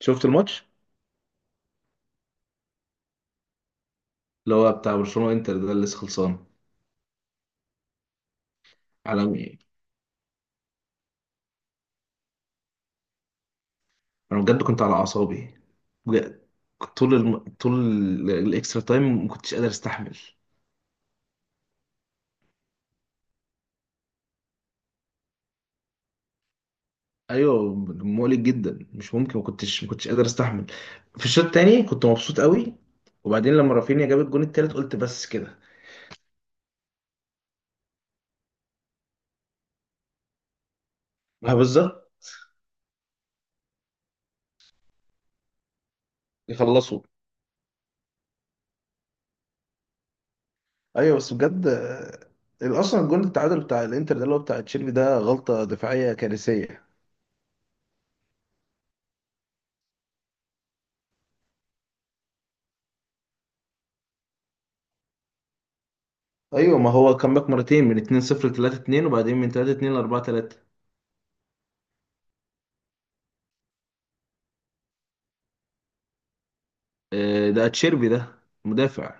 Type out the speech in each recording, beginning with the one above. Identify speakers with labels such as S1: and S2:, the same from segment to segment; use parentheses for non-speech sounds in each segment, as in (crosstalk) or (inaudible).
S1: شفت الماتش اللي هو بتاع برشلونة انتر ده اللي لسه خلصان عالمي. انا بجد كنت على اعصابي، بجد كنت طول الاكسترا تايم ما كنتش قادر استحمل. ايوه مقلق جدا، مش ممكن، ما كنتش قادر استحمل. في الشوط التاني كنت مبسوط قوي، وبعدين لما رافينيا جاب الجون التالت قلت بس كده. ما بالظبط، يخلصوا. ايوه بس بجد اصلا الجون التعادل بتاع الانتر ده اللي هو بتاع تشيربي ده غلطة دفاعية كارثية. ايوه ما هو كان باك مرتين من 2-0 ل 3-2، وبعدين من 3-2 ل 4-3. ده اتشيربي ده مدافع.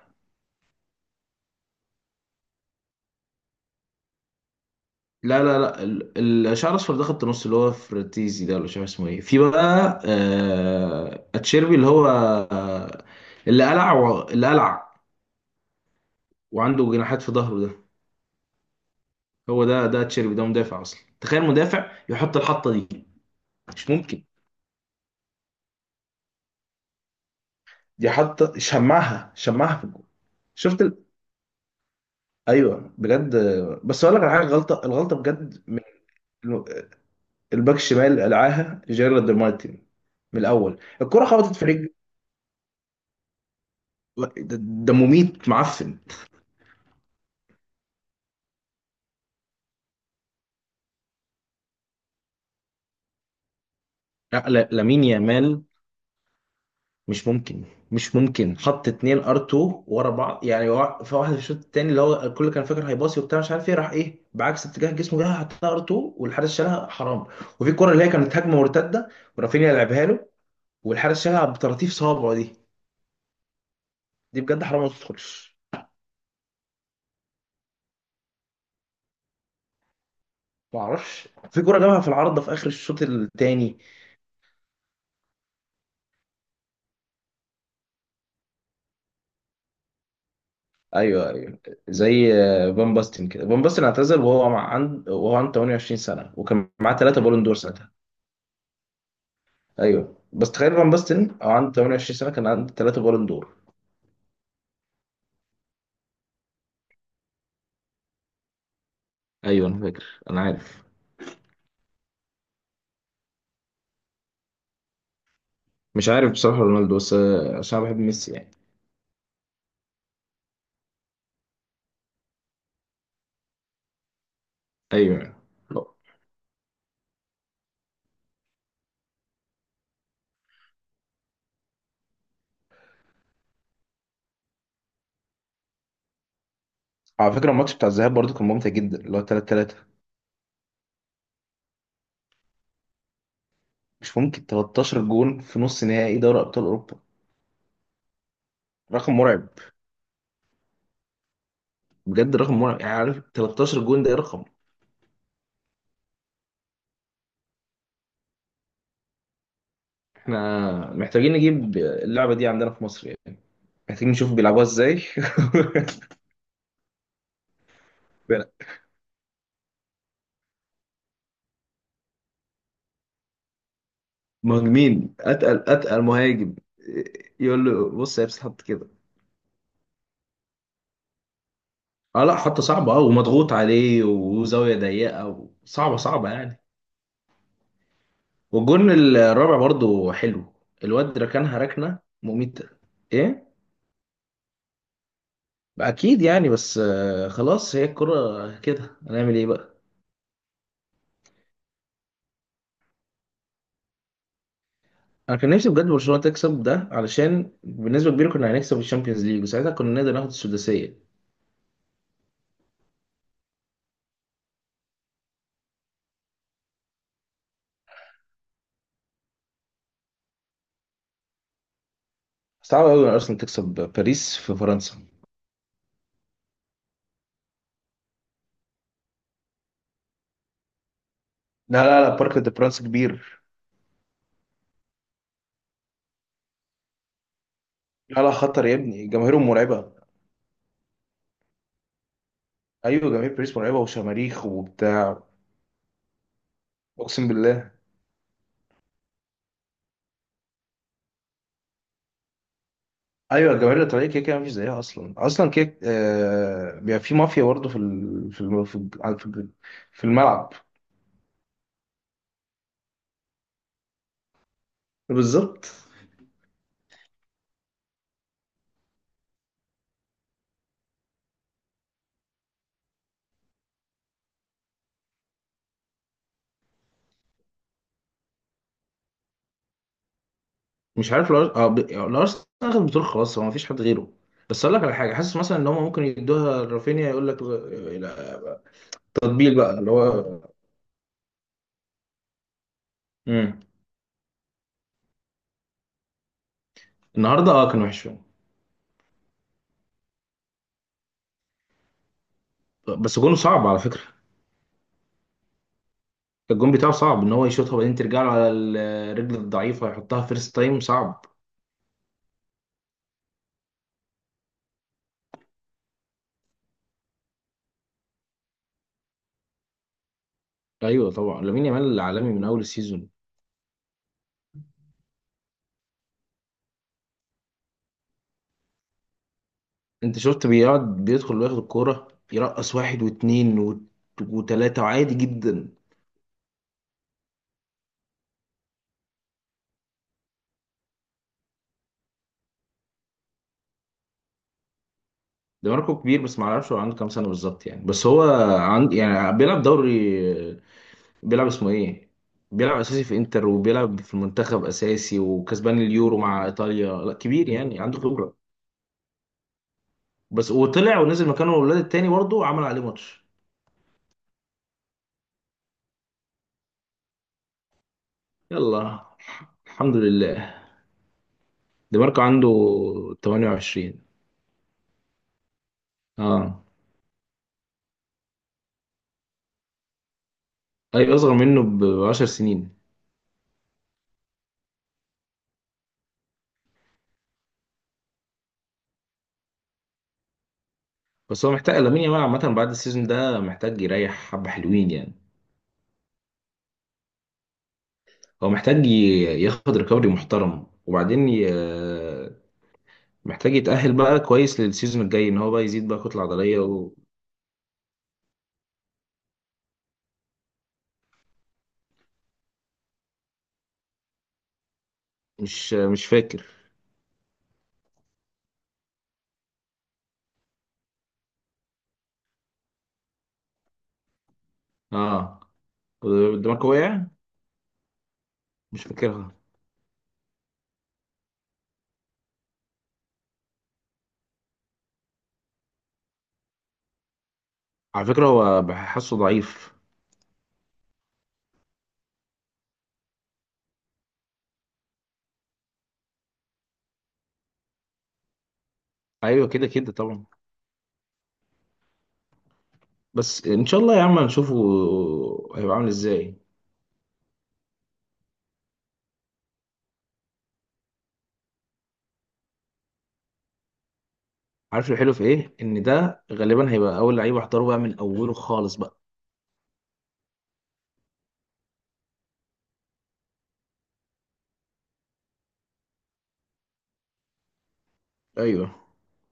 S1: لا لا لا، الشعر الاصفر ده خط نص اللي هو فرتيزي ده، ولا مش عارف اسمه ايه في بقى، اتشيربي اللي هو اللي قلع وعنده جناحات في ظهره ده. هو ده اتشيربي ده مدافع اصلا، تخيل مدافع يحط الحطه دي. مش ممكن، دي حطه شمعها في الجول. شفت ال... ايوه بجد. بس اقول لك على حاجه، الغلطه بجد الباك الشمال قلعاها جيرارد مارتن. من الاول الكره خبطت في رجل ده ده مميت معفن. لا لا، لامين يامال مش ممكن، مش ممكن حط اتنين ار 2 ورا بعض يعني. في واحد في الشوط التاني اللي هو الكل كان فاكر هيباصي وبتاع، مش عارف ايه راح، ايه بعكس اتجاه جسمه جه حطها ار 2 والحارس شالها، حرام. وفي الكره اللي هي كانت هجمه مرتده ورافينيا لعبها له والحارس شالها بطراطيف صوابعه دي، دي بجد حرام ما تدخلش. ما اعرفش في كره جابها في العارضه في اخر الشوط التاني. ايوه ايوه، زي فان باستن كده. فان باستن اعتزل وهو عنده 28 سنه وكان معاه ثلاثه بالون دور ساعتها. ايوه بس تخيل فان باستن او عنده 28 سنه كان عنده ثلاثه بالون دور. ايوه انا فاكر، انا عارف. مش عارف بصراحه رونالدو بس عشان أنا بحب ميسي يعني. ايوه. على فكره الماتش بتاع الذهاب برضه كان ممتع جدا، اللي هو 3 3. مش ممكن 13 جون في نص نهائي دوري ابطال اوروبا، رقم مرعب. بجد رقم مرعب، يعني عارف 13 جون ده إيه رقم. احنا محتاجين نجيب اللعبه دي عندنا في مصر يعني. عايزين نشوف بيلعبوها ازاي. (laughs) مهاجمين، اتقل مهاجم يقول له بص هي بتتحط كده. اه لا حطه صعبه، اه ومضغوط عليه وزاويه ضيقه وصعبه، صعبه يعني. والجون الرابع برضو حلو، الواد ركنها ركنه مميته. ايه. اكيد يعني، بس خلاص هي الكرة كده، هنعمل ايه بقى. انا كان نفسي بجد برشلونه تكسب ده علشان بالنسبه كبيره، كنا هنكسب الشامبيونز ليج وساعتها كنا نقدر ناخد السداسيه. صعب قوي ان ارسنال تكسب باريس في فرنسا. لا لا لا، بارك دي برانس كبير. لا لا، خطر يا ابني، جماهيرهم مرعبة. أيوة جماهير باريس مرعبة وشماريخ وبتاع، أقسم بالله. أيوة الجماهير الإيطالية كده كده مفيش زيها أصلا. أصلا كده آه بيبقى في مافيا برضه في ال- في ال- في الملعب. بالظبط. مش عارف لو اه، لو أرسنال أخد البطولة خلاص هو مفيش حد غيره. بس أقول لك على حاجة، حاسس مثلا إن هم ممكن يدوها لرافينيا، يقول لك لا، تطبيل بقى اللي هو. مم. النهارده اه كان وحش فيهم. بس جون صعب على فكرة، الجون بتاعه صعب ان هو يشوطها وبعدين ترجع له على الرجل الضعيفه يحطها فيرست تايم، صعب. ايوه طبعا لامين يامال عالمي من اول السيزون. انت شفت بيقعد بيدخل وياخد الكوره يرقص واحد واثنين وتلاته عادي جدا. ده ماركو كبير، بس ما اعرفش هو عنده كام سنه بالظبط يعني. بس هو عند يعني بيلعب دوري، بيلعب اسمه ايه بيلعب اساسي في انتر وبيلعب في المنتخب اساسي وكسبان اليورو مع ايطاليا، لا كبير يعني، عنده خبره. بس وطلع ونزل مكانه الولاد التاني برضه عمل عليه ماتش. يلا، الحمد لله. دي ماركو عنده 28. اه. اي اصغر منه ب 10 سنين. بس هو محتاج لامين يامال عامه بعد السيزون ده محتاج يريح، حبه حلوين يعني. هو محتاج ياخد ريكفري محترم، محتاج يتأهل بقى كويس للسيزون الجاي، ان هو بقى يزيد بقى كتلة عضلية. مش فاكر. اه. دي ماركو وقع. مش فاكرها. على فكرة هو بحسه ضعيف. ايوه كده كده طبعا. بس ان شاء الله يا عم هنشوفه هيبقى عامل ازاي. عارف الحلو في ايه، ان ده غالبا هيبقى اول لعيب احضره بقى من اوله خالص بقى. ايوه.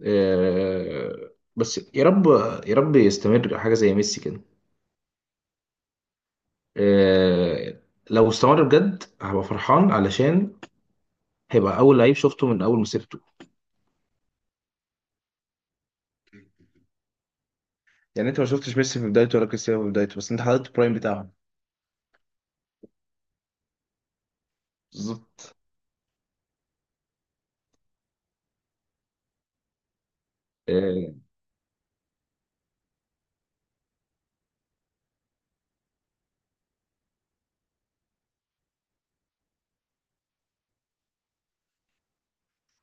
S1: بس يا رب، يا رب يستمر حاجة زي ميسي كده. آه، لو استمر بجد هبقى فرحان، علشان هيبقى أول لعيب شفته من أول مسيرته. يعني انت ما شفتش ميسي في بدايته ولا كريستيانو في بدايته، بس انت حضرت البرايم بتاعهم. بالظبط. آه،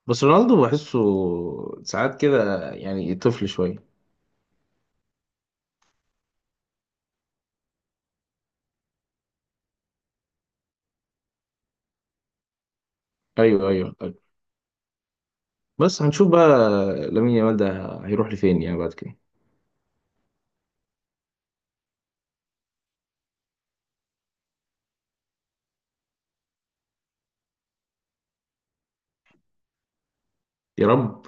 S1: بس رونالدو بحسه ساعات كده يعني طفل شوية. أيوه أيوه أيوه، بس هنشوف بقى لامين يامال ده هيروح لفين يعني بعد كده. يا رب.